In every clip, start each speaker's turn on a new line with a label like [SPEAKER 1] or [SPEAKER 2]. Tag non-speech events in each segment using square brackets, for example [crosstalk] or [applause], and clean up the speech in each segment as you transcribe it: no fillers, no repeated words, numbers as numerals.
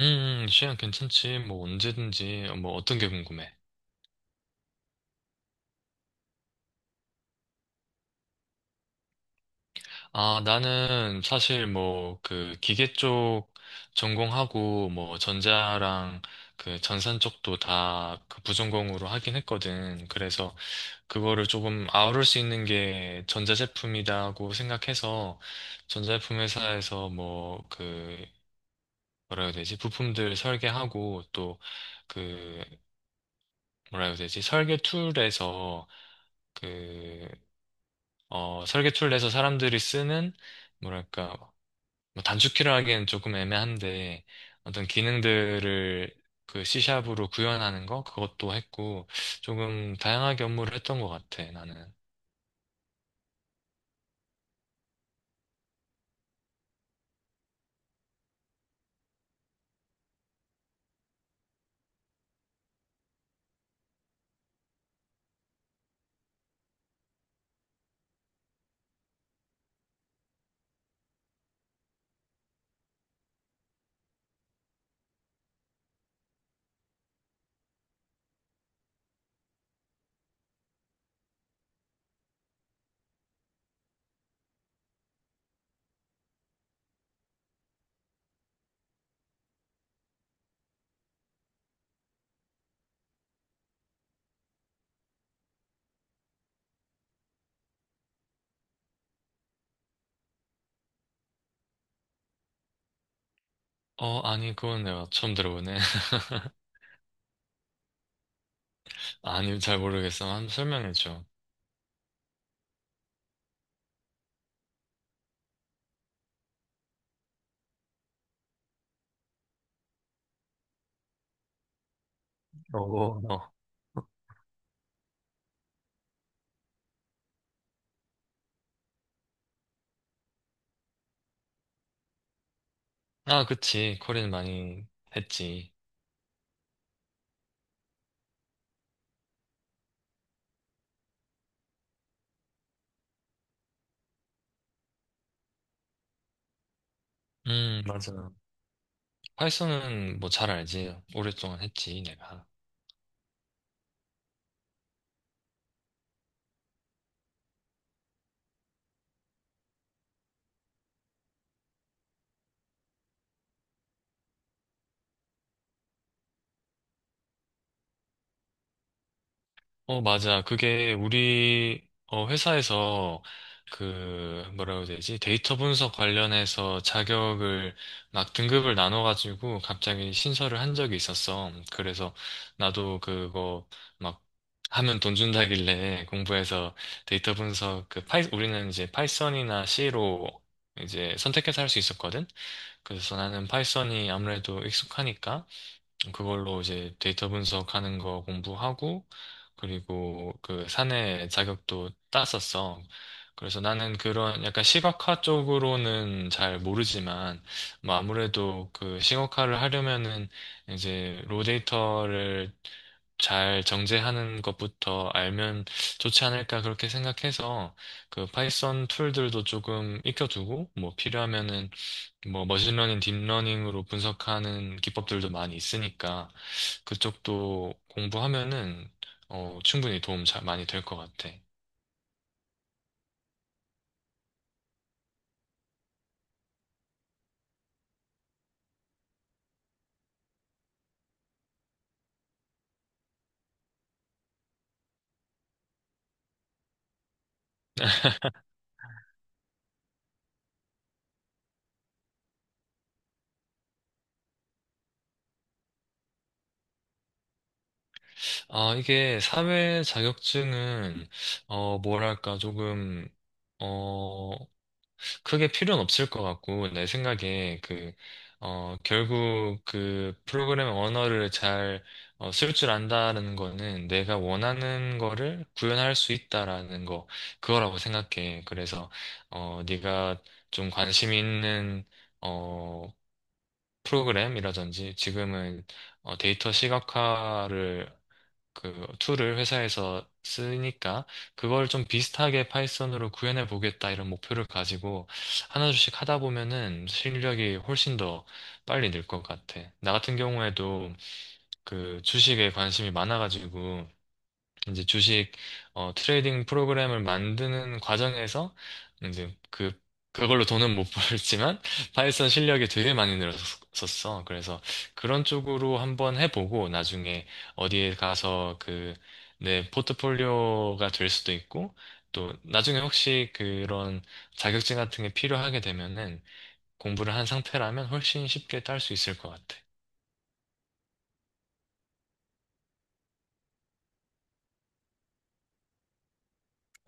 [SPEAKER 1] 시간 괜찮지. 뭐, 언제든지. 뭐, 어떤 게 궁금해? 아, 나는 사실 뭐, 그, 기계 쪽 전공하고, 뭐, 전자랑 그 전산 쪽도 다 그 부전공으로 하긴 했거든. 그래서 그거를 조금 아우를 수 있는 게 전자제품이다고 생각해서, 전자제품 회사에서 뭐, 그, 뭐라 해야 되지? 부품들 설계하고, 또, 그, 뭐라 해야 되지? 설계 툴에서, 그 설계초를 내서 사람들이 쓰는, 뭐랄까, 뭐 단축키를 하기엔 조금 애매한데, 어떤 기능들을 그 C샵으로 구현하는 거? 그것도 했고, 조금 다양하게 업무를 했던 것 같아, 나는. 어, 아니, 그건 내가 처음 들어보네. [laughs] 아니, 잘 모르겠어. 한번 설명해줘. 어, 어. 아, 그치. 코린 많이 했지. 맞아. 파이썬은 뭐 잘 알지. 오랫동안 했지, 내가. 어, 맞아. 그게 우리 어, 회사에서 그 뭐라고 해야 되지? 데이터 분석 관련해서 자격을 막 등급을 나눠가지고 갑자기 신설을 한 적이 있었어. 그래서 나도 그거 막 하면 돈 준다길래 공부해서 데이터 분석 그 파이 우리는 이제 파이썬이나 C로 이제 선택해서 할 수 있었거든. 그래서 나는 파이썬이 아무래도 익숙하니까 그걸로 이제 데이터 분석하는 거 공부하고, 그리고 그 사내 자격도 땄었어. 그래서 나는 그런 약간 시각화 쪽으로는 잘 모르지만, 뭐 아무래도 그 시각화를 하려면은 이제 로 데이터를 잘 정제하는 것부터 알면 좋지 않을까 그렇게 생각해서 그 파이썬 툴들도 조금 익혀두고 뭐 필요하면은 뭐 머신러닝, 딥러닝으로 분석하는 기법들도 많이 있으니까 그쪽도 공부하면은 충분히 도움 잘 많이 될 것 같아. 아, 이게 사회 자격증은 뭐랄까 조금 어, 크게 필요는 없을 것 같고, 내 생각에 그, 결국 그 프로그램 언어를 잘, 쓸 줄 안다는 거는 내가 원하는 거를 구현할 수 있다라는 거, 그거라고 생각해. 그래서, 어, 네가 좀 관심 있는, 어, 프로그램이라든지 지금은 데이터 시각화를 그 툴을 회사에서 쓰니까 그걸 좀 비슷하게 파이썬으로 구현해 보겠다 이런 목표를 가지고 하나씩 하다 보면은 실력이 훨씬 더 빨리 늘 것 같아. 나 같은 경우에도 그 주식에 관심이 많아가지고 이제 주식 트레이딩 프로그램을 만드는 과정에서 이제 그 그걸로 돈은 못 [laughs] 벌지만 파이썬 실력이 되게 많이 늘었었어. 그래서 그런 쪽으로 한번 해보고 나중에 어디에 가서 그 내 포트폴리오가 될 수도 있고 또 나중에 혹시 그런 자격증 같은 게 필요하게 되면은 공부를 한 상태라면 훨씬 쉽게 딸 수 있을 것 같아.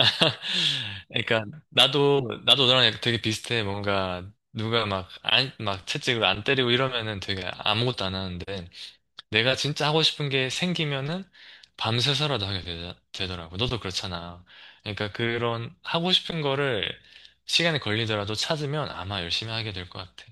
[SPEAKER 1] [laughs] 그러니까 나도 너랑 되게 비슷해. 뭔가 누가 막 안, 막 채찍을 안 때리고 이러면은 되게 아무것도 안 하는데 내가 진짜 하고 싶은 게 생기면은 밤새서라도 되더라고. 너도 그렇잖아. 그러니까 그런 하고 싶은 거를 시간이 걸리더라도 찾으면 아마 열심히 하게 될 것 같아.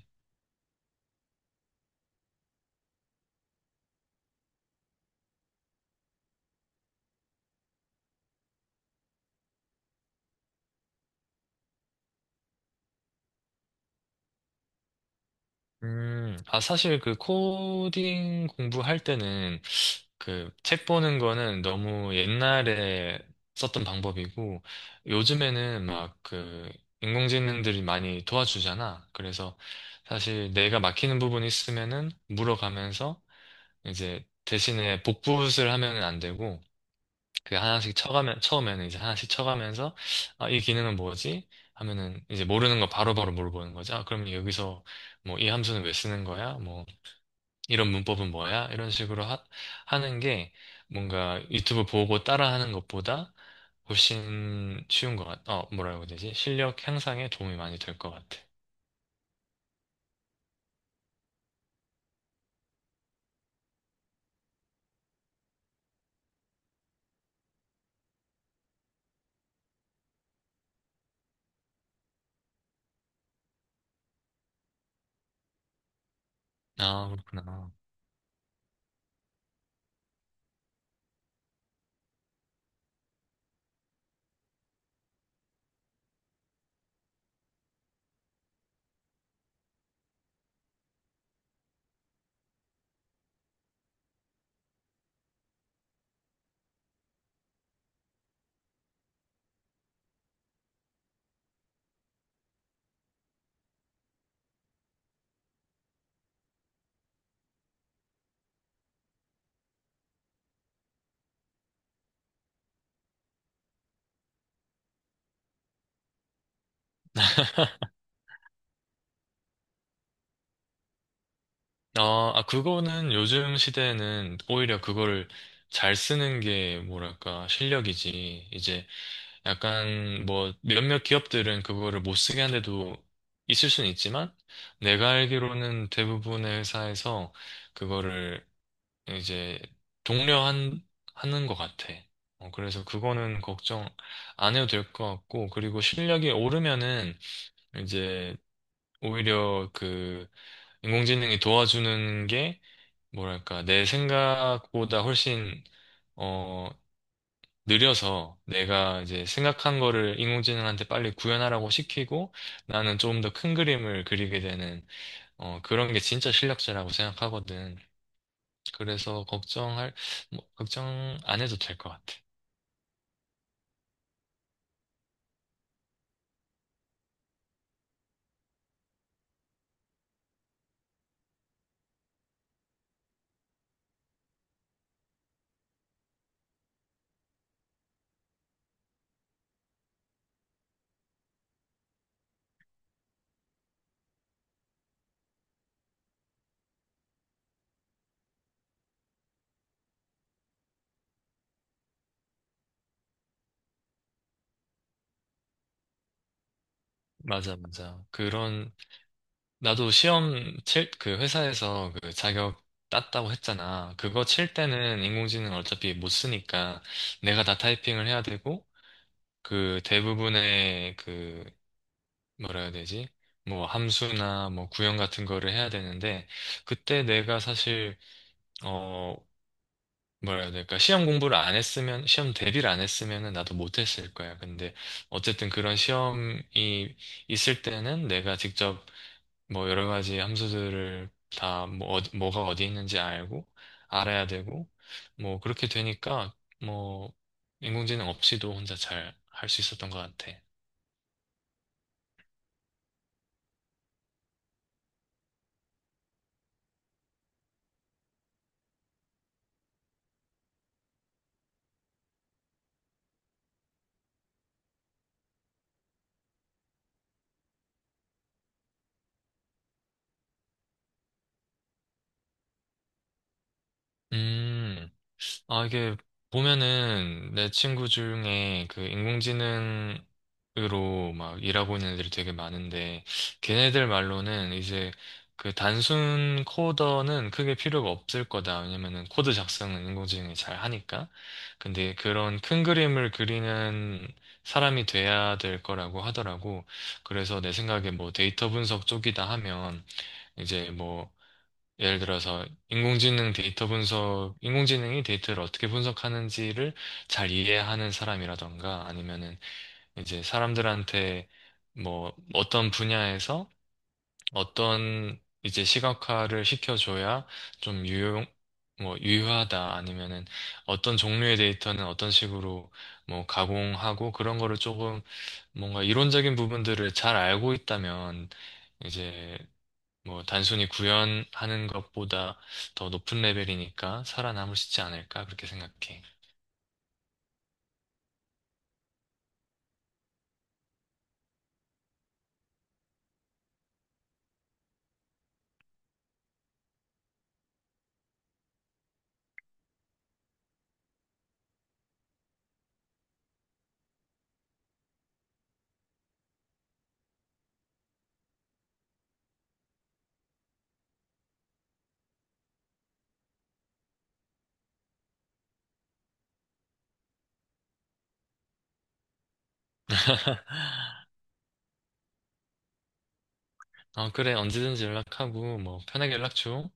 [SPEAKER 1] 아, 사실 그 코딩 공부할 때는 그 책 보는 거는 너무 옛날에 썼던 방법이고 요즘에는 막 그 인공지능들이 많이 도와주잖아. 그래서 사실 내가 막히는 부분이 있으면은 물어가면서 이제 대신에 복붙을 하면은 안 되고 그 하나씩 쳐가면 처음에는 이제 하나씩 쳐가면서 아, 이 기능은 뭐지? 하면은 이제 모르는 거 바로바로 물어보는 거죠. 아, 그럼 여기서 뭐 이 함수는 왜 쓰는 거야? 뭐 이런 문법은 뭐야? 이런 식으로 하는 게 뭔가 유튜브 보고 따라하는 것보다 훨씬 어, 뭐라고 해야 되지? 실력 향상에 도움이 많이 될 것 같아. 아, 그렇구나. 어, 아, 그거는 요즘 시대에는 오히려 그거를 잘 쓰는 게 뭐랄까, 실력이지. 이제 약간 뭐 몇몇 기업들은 그거를 못 쓰게 한 데도 있을 수는 있지만 내가 알기로는 대부분의 회사에서 그거를 이제 독려한 하는 것 같아. 그래서 그거는 걱정 안 해도 될 것 같고 그리고 실력이 오르면은 이제 오히려 그 인공지능이 도와주는 게 뭐랄까 내 생각보다 훨씬 어, 느려서 내가 이제 생각한 거를 인공지능한테 빨리 구현하라고 시키고 나는 조금 더 큰 그림을 그리게 되는 그런 게 진짜 실력자라고 생각하거든. 그래서 걱정할 뭐, 걱정 안 해도 될 것 같아. 맞아, 맞아. 그런 나도 시험 칠 그 회사에서 그 자격 땄다고 했잖아. 그거 칠 때는 인공지능 어차피 못 쓰니까 내가 다 타이핑을 해야 되고 그 대부분의 그 뭐라 해야 되지? 뭐 함수나 뭐 구형 같은 거를 해야 되는데 그때 내가 사실 어 뭐라 해야 될까? 시험 대비를 안 했으면은 나도 못 했을 거야. 근데 어쨌든 그런 시험이 있을 때는 내가 직접 뭐 여러 가지 함수들을 다 뭐 뭐가 어디 있는지 알고 알아야 되고 뭐 그렇게 되니까 뭐 인공지능 없이도 혼자 잘 할 수 있었던 것 같아. 음. 아, 이게 보면은 내 친구 중에 그 인공지능으로 막 일하고 있는 애들이 되게 많은데, 걔네들 말로는 이제 그 단순 코더는 크게 필요가 없을 거다. 왜냐면은 코드 작성은 인공지능이 잘 하니까. 근데 그런 큰 그림을 그리는 사람이 돼야 될 거라고 하더라고. 그래서 내 생각에 뭐 데이터 분석 쪽이다 하면 이제 뭐 예를 들어서 인공지능이 데이터를 어떻게 분석하는지를 잘 이해하는 사람이라던가 아니면은 이제 사람들한테 뭐 어떤 분야에서 어떤 이제 시각화를 시켜줘야 좀 유용, 뭐 유효하다 아니면은 어떤 종류의 데이터는 어떤 식으로 뭐 가공하고 그런 거를 조금 뭔가 이론적인 부분들을 잘 알고 있다면 이제 뭐 단순히 구현하는 것보다 더 높은 레벨이니까 살아남을 수 있지 않을까 그렇게 생각해. 어, 그래 언제든지 연락하고 뭐 편하게 연락 줘.